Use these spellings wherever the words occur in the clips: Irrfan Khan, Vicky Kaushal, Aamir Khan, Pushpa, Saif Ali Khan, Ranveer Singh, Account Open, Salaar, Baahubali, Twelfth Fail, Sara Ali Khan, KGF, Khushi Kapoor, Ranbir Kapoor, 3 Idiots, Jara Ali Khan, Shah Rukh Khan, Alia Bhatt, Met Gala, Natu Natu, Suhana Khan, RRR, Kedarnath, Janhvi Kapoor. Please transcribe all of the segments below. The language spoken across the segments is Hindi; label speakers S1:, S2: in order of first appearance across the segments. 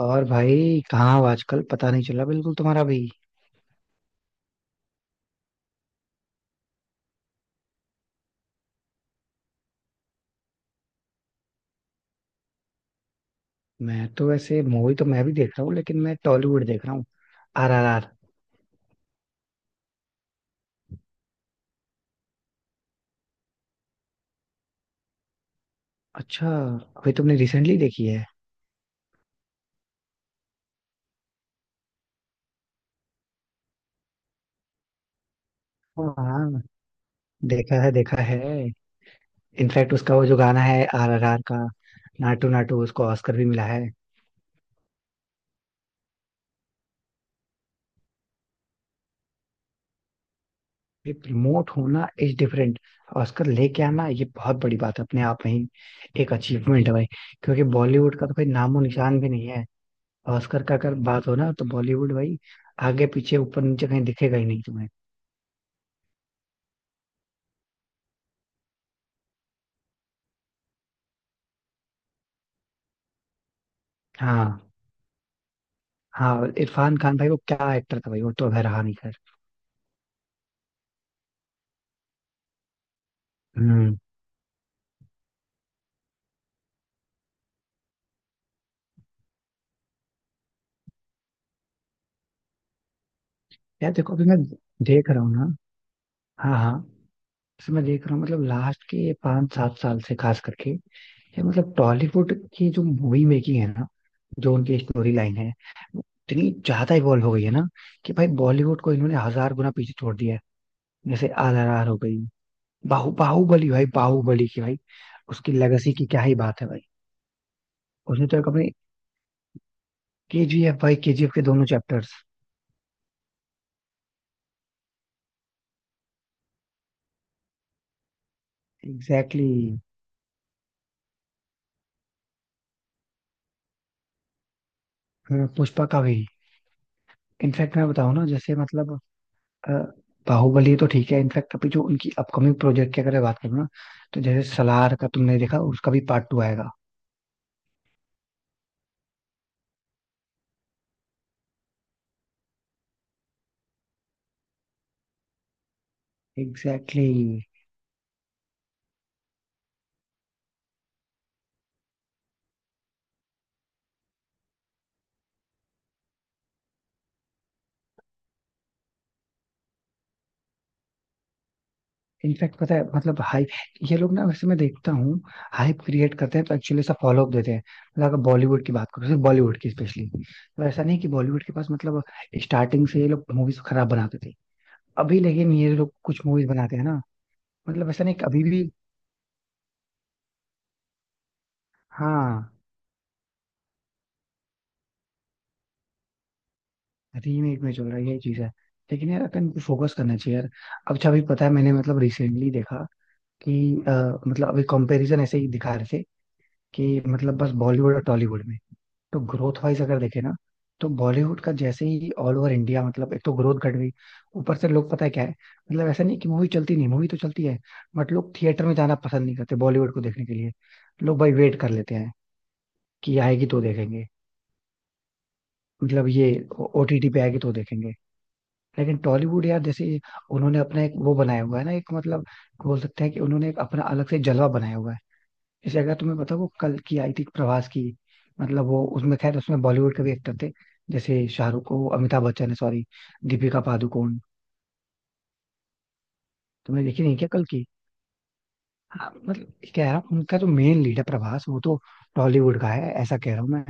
S1: और भाई, कहाँ हो? आजकल पता नहीं चला बिल्कुल तुम्हारा भी। मैं तो वैसे मूवी तो मैं भी देख रहा हूँ, लेकिन मैं टॉलीवुड देख रहा हूँ। RRR। अच्छा। अभी तुमने रिसेंटली देखी है? हाँ, हाँ, देखा है, देखा है। इनफैक्ट उसका वो जो गाना है RRR का, नाटू नाटू, उसको ऑस्कर भी मिला है। ये प्रमोट होना इज डिफरेंट। ऑस्कर लेके आना ये बहुत बड़ी बात है अपने आप में ही। एक अचीवमेंट है भाई। क्योंकि बॉलीवुड का तो कोई नामो निशान भी नहीं है। ऑस्कर का अगर बात हो ना, तो बॉलीवुड भाई आगे पीछे ऊपर नीचे कहीं दिखेगा ही नहीं तुम्हें। हाँ। हाँ, इरफान खान भाई वो क्या एक्टर था भाई, वो तो अगर रहा नहीं, खैर। हम्म। यार देखो, अभी मैं देख रहा हूँ ना। हाँ, हाँ। जैसे मैं देख रहा हूँ, मतलब लास्ट के पाँच सात साल से खास करके, ये मतलब टॉलीवुड की जो मूवी मेकिंग है ना, जो उनकी स्टोरी लाइन है, वो इतनी ज्यादा इवॉल्व हो गई है ना, कि भाई बॉलीवुड को इन्होंने हजार गुना पीछे छोड़ दिया है। जैसे RRR हो गई। बाहुबली भाई, बाहुबली की भाई। उसकी लेगेसी की क्या ही बात है भाई। उसने तो एक अपने, KGF भाई, KGF के दोनों चैप्टर्स। Exactly exactly। हाँ, पुष्पा का भी। इनफैक्ट मैं बताऊं ना, जैसे मतलब अ, बाहुबली तो ठीक है। इनफैक्ट अभी जो उनकी अपकमिंग प्रोजेक्ट की अगर मैं बात करूँ ना, तो जैसे सलार का तुमने देखा, उसका भी पार्ट 2 आएगा। एग्जैक्टली। इनफैक्ट पता है मतलब हाइप, ये लोग ना वैसे मैं देखता हूँ हाइप क्रिएट करते हैं, तो एक्चुअली ऐसा फॉलो अप देते हैं। मतलब अगर बॉलीवुड की बात करो, सिर्फ बॉलीवुड की स्पेशली, तो ऐसा नहीं कि बॉलीवुड के पास मतलब स्टार्टिंग से ये लोग मूवीज खराब बनाते थे। अभी लेकिन ये लोग कुछ मूवीज बनाते हैं ना। मतलब ऐसा नहीं कि अभी भी। हाँ। रीमेक में चल रहा है, यही चीज है। लेकिन यार अपन को फोकस करना चाहिए यार। अब अच्छा, अभी पता है मैंने मतलब रिसेंटली देखा कि अ, मतलब अभी कंपैरिजन ऐसे ही दिखा रहे थे, कि मतलब बस बॉलीवुड और टॉलीवुड में, तो ग्रोथ वाइज अगर देखे ना, तो बॉलीवुड का जैसे ही ऑल ओवर इंडिया, मतलब एक तो ग्रोथ घट गई। ऊपर से लोग पता है क्या है, मतलब ऐसा नहीं कि मूवी चलती नहीं, मूवी तो चलती है। बट लोग थिएटर में जाना पसंद नहीं करते बॉलीवुड को देखने के लिए। लोग भाई वेट कर लेते हैं कि आएगी तो देखेंगे, मतलब ये OTT पे आएगी तो देखेंगे। लेकिन टॉलीवुड यार, जैसे उन्होंने अपना एक वो बनाया हुआ है ना, एक मतलब बोल सकते हैं कि उन्होंने एक अपना अलग से जलवा बनाया हुआ है। जैसे अगर तुम्हें पता, वो कल की आई थी प्रभास की। मतलब वो उसमें, खैर, उसमें बॉलीवुड के भी एक्टर थे। जैसे शाहरुख को, अमिताभ बच्चन है सॉरी, दीपिका पादुकोण। तुमने देखी नहीं क्या कल की? हाँ, मतलब क्या है उनका जो मेन लीडर प्रभास, वो तो टॉलीवुड का है, ऐसा कह रहा हूँ मैं।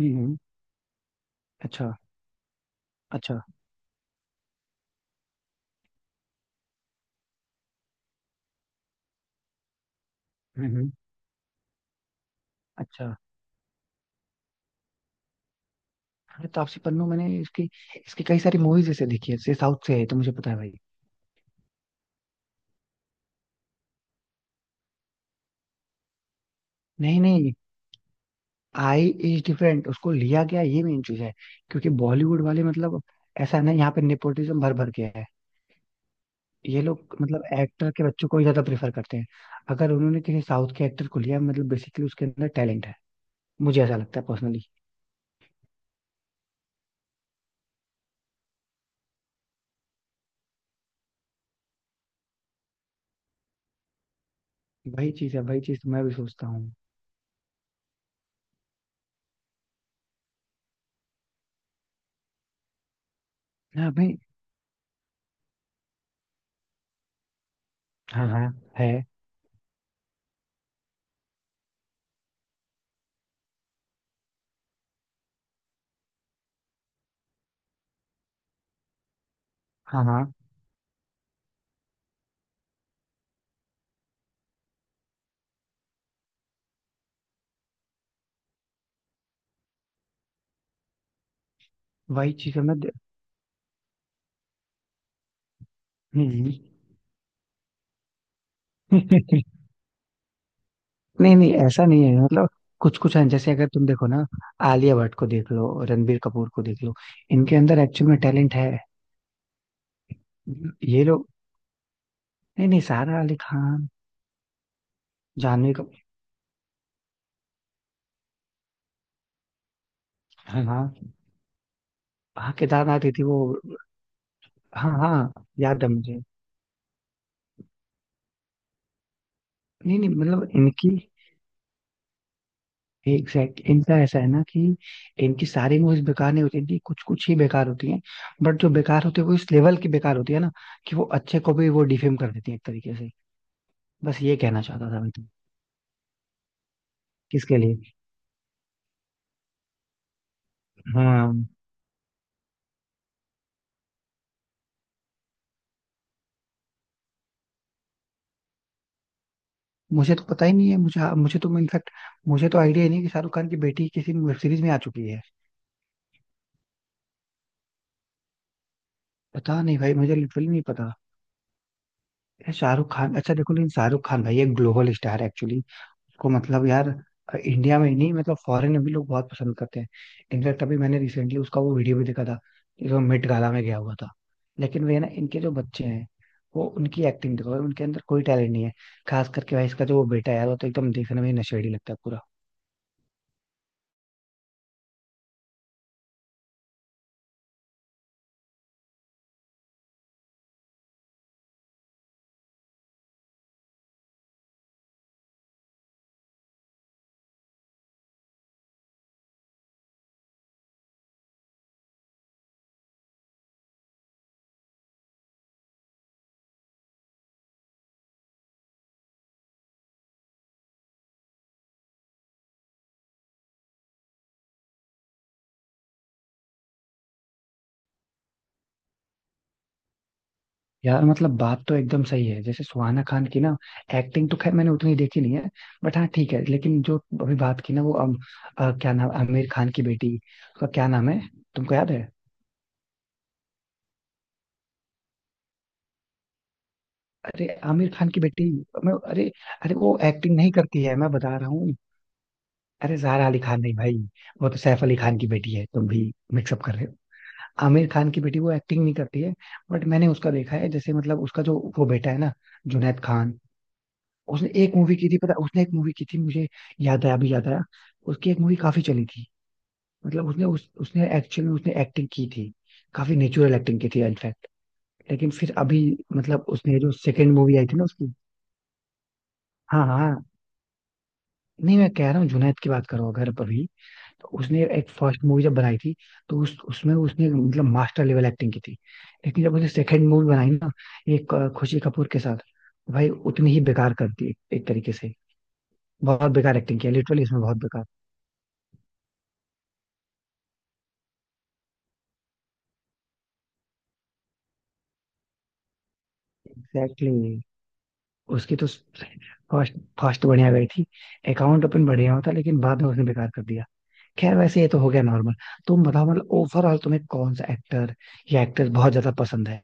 S1: हम्म, हम्म। अच्छा। अच्छा। हम्म, हम्म। अच्छा। अरे तापसी पन्नू, मैंने इसकी इसकी कई सारी मूवीज ऐसे देखी है, जैसे साउथ से है तो मुझे पता है भाई। नहीं, नहीं, आई इज डिफरेंट, उसको लिया गया ये मेन चीज है। क्योंकि बॉलीवुड वाले मतलब, ऐसा है ना, यहाँ पे नेपोटिज्म भर भर के है। ये लोग मतलब एक्टर के बच्चों को ही ज्यादा प्रेफर करते हैं। अगर उन्होंने किसी साउथ के एक्टर को लिया, मतलब बेसिकली उसके अंदर टैलेंट है। मुझे ऐसा लगता है पर्सनली। वही चीज है, वही चीज मैं भी सोचता हूँ। हाँ भाई। हाँ, हाँ। है। हाँ, हाँ। वही चीज है। हम्म। नहीं, नहीं, ऐसा नहीं है मतलब। कुछ कुछ हैं, जैसे अगर तुम देखो ना, आलिया भट्ट को देख लो, रणबीर कपूर को देख लो। इनके अंदर एक्चुअल में टैलेंट है। ये लोग। नहीं, नहीं, सारा अली खान, जानवी कपूर। हाँ, हाँ, हाँ, केदारनाथ ही थी वो। हाँ, हाँ, याद है मुझे। नहीं, नहीं, मतलब इनकी। एग्जैक्ट इनका ऐसा है ना कि, इनकी सारी मूवीज बेकार नहीं होती, इनकी कुछ कुछ ही बेकार होती हैं। बट जो बेकार होती है, वो इस लेवल की बेकार होती है ना, कि वो अच्छे को भी वो डिफेम कर देती है एक तरीके से। बस ये कहना चाहता था मैं तो। किसके लिए? हाँ। मुझे तो पता ही नहीं है, मुझे मुझे तो इनफैक्ट, मुझे तो आइडिया ही नहीं कि शाहरुख खान की बेटी किसी वेब सीरीज में आ चुकी है। पता नहीं भाई, मुझे लिटरली नहीं पता। यार शाहरुख खान, अच्छा देखो, लेकिन शाहरुख खान भाई एक ग्लोबल स्टार है एक्चुअली। इसको मतलब यार, इंडिया में ही नहीं, मतलब फॉरेन में भी लोग बहुत पसंद करते हैं। इनफैक्ट अभी मैंने रिसेंटली उसका वो वीडियो भी देखा था, जो मेट गाला में गया हुआ था। लेकिन वे ना, इनके जो बच्चे हैं, वो उनकी एक्टिंग देखो, उनके अंदर कोई टैलेंट नहीं है। खास करके भाई इसका जो वो बेटा है यार, वो तो एकदम देखने में ही नशेड़ी लगता है। यार मतलब बात तो एकदम सही है, जैसे सुहाना खान की ना, एक्टिंग तो खैर मैंने उतनी देखी नहीं है। बट हाँ, ठीक है, लेकिन जो अभी बात की ना वो क्या नाम आमिर खान की बेटी, उसका क्या नाम है, तुमको याद है? अरे आमिर खान की बेटी, मैं अरे। अरे वो एक्टिंग नहीं करती है, मैं बता रहा हूँ। अरे जारा अली खान नहीं भाई, वो तो सैफ अली खान की बेटी है, तुम भी मिक्सअप कर रहे हो। आमिर खान की बेटी वो एक्टिंग नहीं करती है। बट मैंने उसका देखा है, जैसे मतलब उसका जो वो बेटा है ना, जुनैद खान। उसने एक मूवी की थी पता है, उसने एक मूवी की थी, मुझे याद आया, अभी याद आया। उसकी एक मूवी काफी चली थी। मतलब उसने उसने एक्चुअल में उसने एक्टिंग की थी। काफी नेचुरल एक्टिंग की थी इनफैक्ट। लेकिन फिर अभी मतलब उसने जो सेकंड मूवी आई थी ना उसकी, हाँ, हाँ, हाँ, नहीं मैं कह रहा हूँ, जुनैद की बात करो अगर अभी, तो उसने एक फर्स्ट मूवी जब बनाई थी, तो उस उसमें उसने मतलब मास्टर लेवल एक्टिंग की थी। लेकिन जब उसने सेकंड मूवी बनाई ना एक खुशी कपूर के साथ, भाई उतनी ही बेकार कर दी एक एक तरीके से। बहुत बेकार एक्टिंग किया लिटरली, इसमें बहुत बेकार। एग्जैक्टली। उसकी तो फर्स्ट फर्स्ट बढ़िया गई थी। अकाउंट ओपन बढ़िया होता, लेकिन बाद में उसने बेकार कर दिया। खैर वैसे ये तो हो गया नॉर्मल। तुम बताओ, मतलब ओवरऑल तुम्हें कौन सा एक्टर या एक्ट्रेस बहुत ज्यादा पसंद है?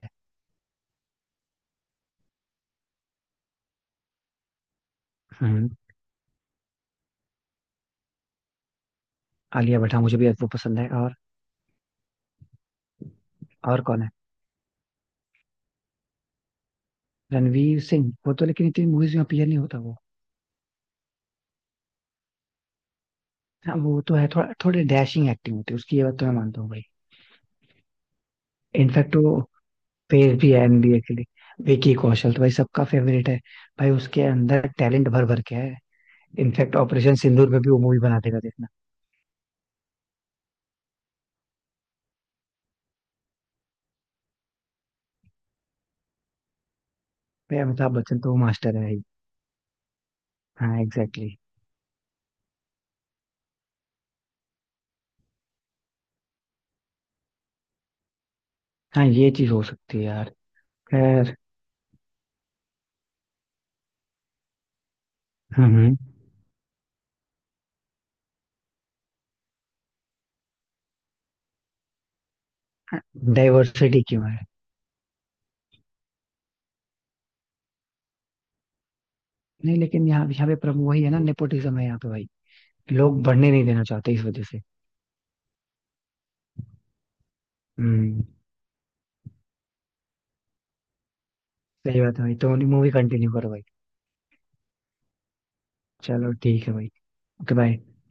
S1: हम्म। आलिया भट्ट, हाँ, मुझे भी वो पसंद है। और कौन है? रणवीर सिंह, वो तो लेकिन इतनी मूवीज में अपीयर नहीं होता वो। हाँ, वो तो है थोड़ा, थोड़ी डैशिंग एक्टिंग होती है उसकी, ये बात तो मैं मानता हूँ भाई। इनफैक्ट वो फेस भी है NBA के लिए। विकी कौशल तो भाई सबका फेवरेट है। भाई उसके अंदर टैलेंट भर भर के है। इनफैक्ट ऑपरेशन सिंदूर में भी वो मूवी बना देगा देखना। भाई अमिताभ बच्चन तो वो मास्टर है ही। हाँ, एग्जैक्टली exactly। हाँ, ये चीज हो सकती है यार। खैर। हम्म। डाइवर्सिटी क्यों है? नहीं, लेकिन यहाँ यहाँ पे प्रॉब्लम वही है ना, नेपोटिज्म है यहाँ पे भाई। लोग बढ़ने नहीं देना चाहते इस वजह से। हम्म। सही बात है भाई, तो मूवी कंटिन्यू करो भाई। चलो, ठीक है भाई। Okay, bye.